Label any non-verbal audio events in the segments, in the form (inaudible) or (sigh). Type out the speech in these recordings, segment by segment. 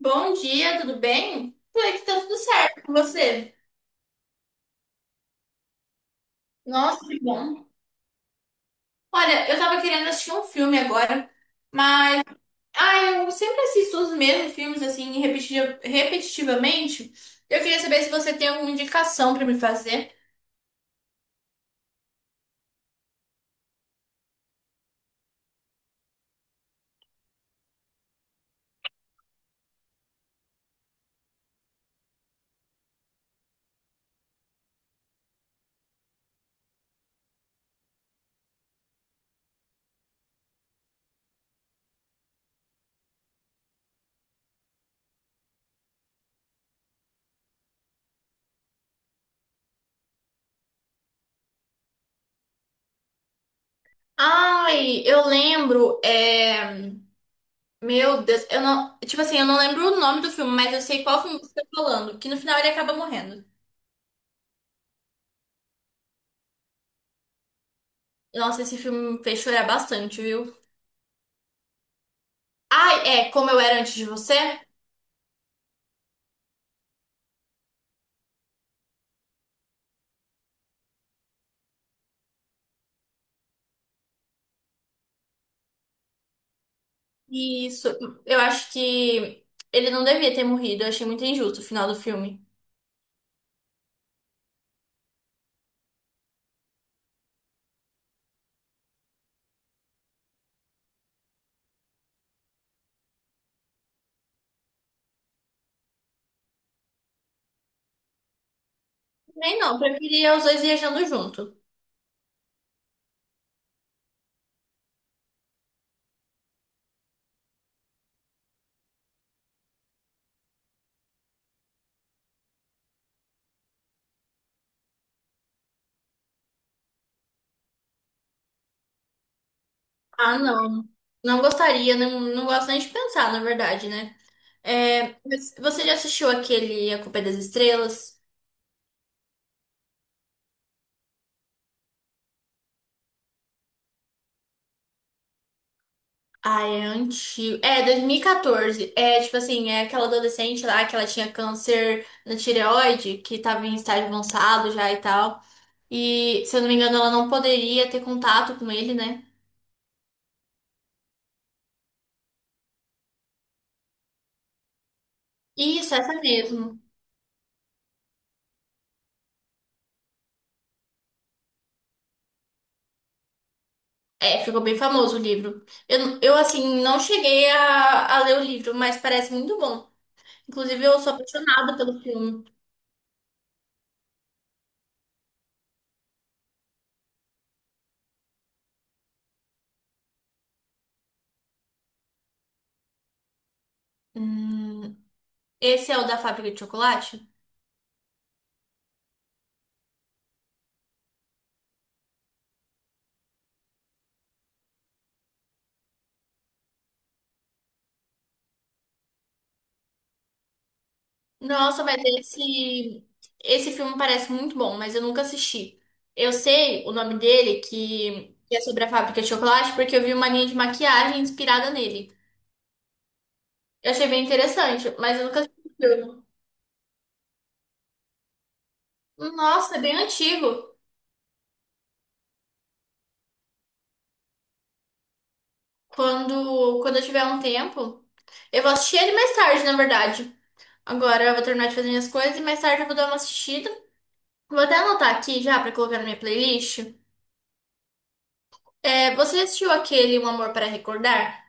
Bom dia, tudo bem? Por aqui tá tudo certo com você? Nossa, que bom. Olha, eu tava querendo assistir um filme agora, mas ah, eu sempre assisto os mesmos filmes assim repetitivamente. Eu queria saber se você tem alguma indicação pra me fazer. Ai, eu lembro, é... Meu Deus, eu não, tipo assim, eu não lembro o nome do filme, mas eu sei qual filme você tá falando, que no final ele acaba morrendo. Nossa, esse filme me fez chorar bastante, viu? Ai, é Como Eu Era Antes de Você? Isso, eu acho que ele não devia ter morrido, eu achei muito injusto o final do filme. Nem não, preferia os dois viajando junto. Ah, não. Não gostaria, não, não gosto nem de pensar, na verdade, né? É, mas você já assistiu aquele A Culpa é das Estrelas? Ah, é antigo. É, 2014. É, tipo assim, é aquela adolescente lá que ela tinha câncer na tireoide, que tava em estágio avançado já e tal. E, se eu não me engano, ela não poderia ter contato com ele, né? Isso, essa mesmo. É, ficou bem famoso o livro. Eu assim, não cheguei a ler o livro, mas parece muito bom. Inclusive, eu sou apaixonada pelo filme. Hum, esse é o da Fábrica de Chocolate? Nossa, mas esse filme parece muito bom, mas eu nunca assisti. Eu sei o nome dele, que é sobre a Fábrica de Chocolate, porque eu vi uma linha de maquiagem inspirada nele. Eu achei bem interessante, mas eu nunca assisti o filme. Nossa, é bem antigo. Quando eu tiver um tempo, eu vou assistir ele mais tarde, na verdade. Agora eu vou terminar de fazer minhas coisas e mais tarde eu vou dar uma assistida. Vou até anotar aqui já pra colocar na minha playlist. É, você já assistiu aquele Um Amor para Recordar?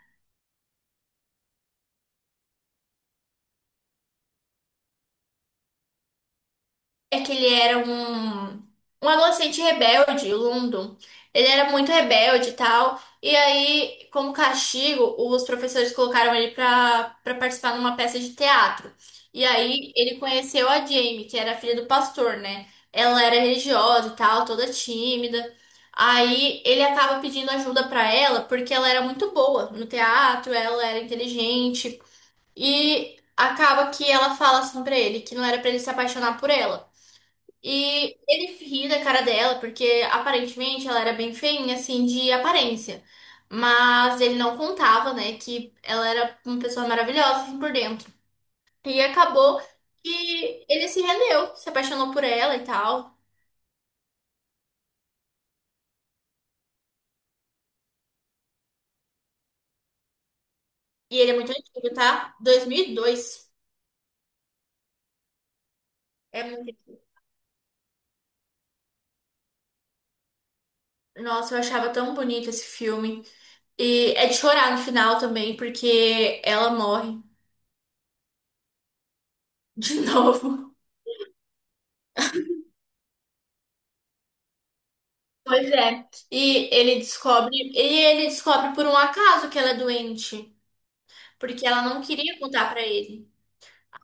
É que ele era um adolescente rebelde, o London. Ele era muito rebelde e tal. E aí, como castigo, os professores colocaram ele pra participar numa peça de teatro. E aí, ele conheceu a Jamie, que era a filha do pastor, né? Ela era religiosa e tal, toda tímida. Aí ele acaba pedindo ajuda pra ela porque ela era muito boa no teatro, ela era inteligente e acaba que ela fala assim pra ele que não era pra ele se apaixonar por ela. E ele ri da cara dela, porque aparentemente ela era bem feinha, assim, de aparência. Mas ele não contava, né, que ela era uma pessoa maravilhosa, assim, por dentro. E acabou que ele se rendeu, se apaixonou por ela e tal. E ele é muito antigo, tá? 2002. É muito antigo. Nossa, eu achava tão bonito esse filme. E é de chorar no final também, porque ela morre de (laughs) novo. Pois é. E ele descobre por um acaso que ela é doente, porque ela não queria contar pra ele.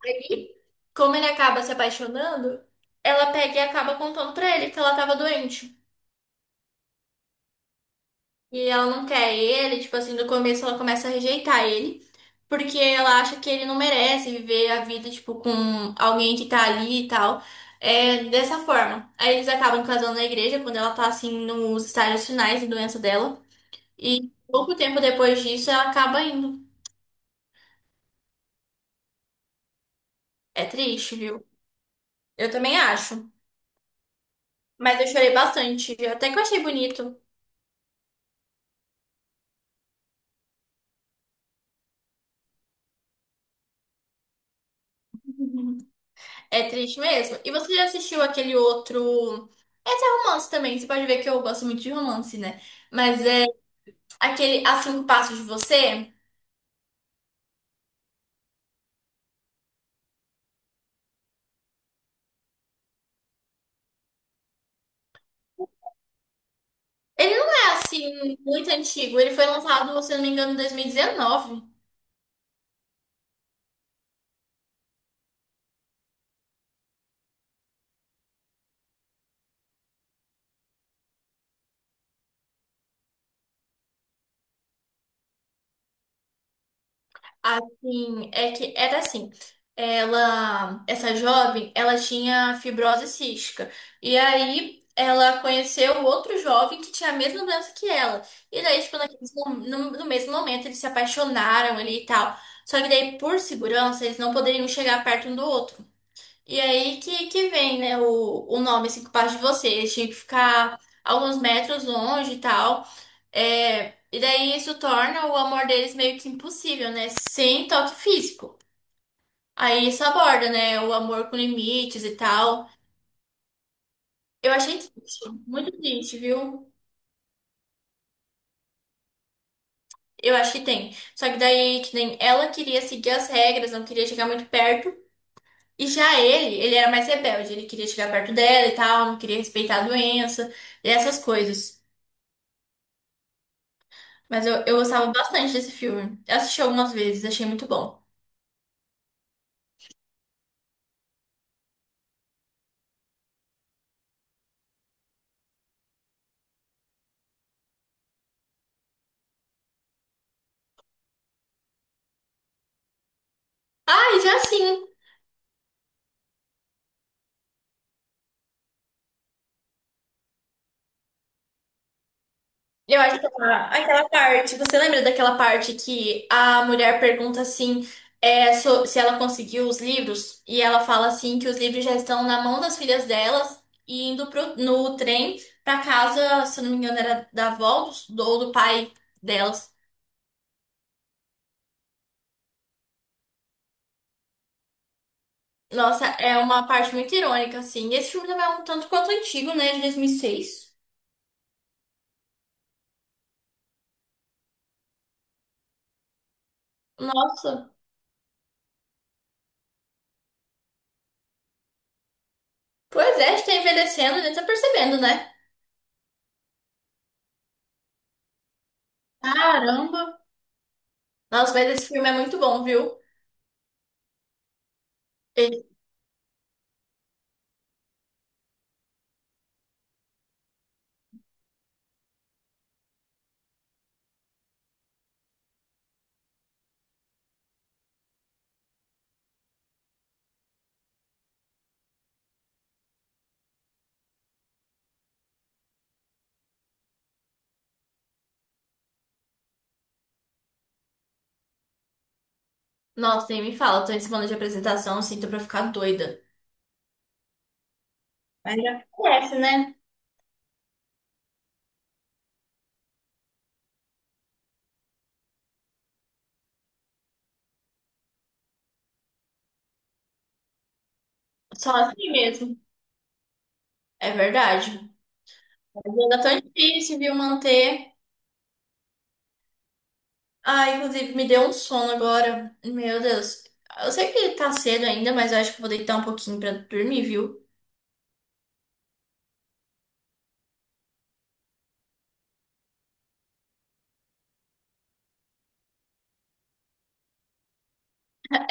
Aí, como ele acaba se apaixonando, ela pega e acaba contando pra ele que ela tava doente. E ela não quer ele, tipo assim, no começo ela começa a rejeitar ele, porque ela acha que ele não merece viver a vida, tipo, com alguém que tá ali e tal. É dessa forma. Aí eles acabam casando na igreja quando ela tá assim nos estágios finais de doença dela. E pouco tempo depois disso ela acaba indo. É triste, viu? Eu também acho. Mas eu chorei bastante. Até que eu achei bonito. (laughs) É triste mesmo. E você já assistiu aquele outro. Esse é romance também. Você pode ver que eu gosto muito de romance, né? Mas é aquele A Cinco Passos de Você. Ele não é assim muito antigo. Ele foi lançado, se eu não me engano, em 2019. Assim, é que era assim. Ela, essa jovem, ela tinha fibrose cística. E aí ela conheceu outro jovem que tinha a mesma doença que ela. E daí, tipo, no mesmo momento, eles se apaixonaram ali e tal. Só que daí, por segurança, eles não poderiam chegar perto um do outro. E aí que vem, né, o nome, assim, que passa de você. Eles tinham que ficar alguns metros longe e tal. É, e daí isso torna o amor deles meio que impossível, né? Sem toque físico. Aí isso aborda, né? O amor com limites e tal. Eu achei triste, muito triste, viu? Eu acho que tem. Só que daí, que nem ela queria seguir as regras, não queria chegar muito perto. E já ele, ele era mais rebelde, ele queria chegar perto dela e tal, não queria respeitar a doença, e essas coisas. Mas eu gostava bastante desse filme. Eu assisti algumas vezes, achei muito bom. Ah, e já sim. Eu acho que aquela parte, você lembra daquela parte que a mulher pergunta assim, se ela conseguiu os livros, e ela fala assim que os livros já estão na mão das filhas delas e indo pro, no trem pra casa, se eu não me engano, era da ou do pai delas. Nossa, é uma parte muito irônica, assim. Esse filme também é um tanto quanto antigo, né? De 2006. Nossa. Pois é, a gente tá envelhecendo, a gente tá percebendo, né? Caramba. Nossa, mas esse filme é muito bom, viu? Nossa, nem me fala, tô em semana de apresentação, assim, tô pra ficar doida. Mas já conhece, né? Só assim mesmo. É verdade. Mas ainda tão difícil, viu, manter. Ah, inclusive, me deu um sono agora. Meu Deus. Eu sei que tá cedo ainda, mas eu acho que eu vou deitar um pouquinho pra dormir, viu?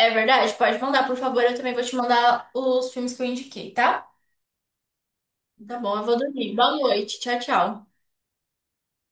É verdade, pode mandar, por favor. Eu também vou te mandar os filmes que eu indiquei, tá? Tá bom, eu vou dormir. Boa noite. Tchau, tchau.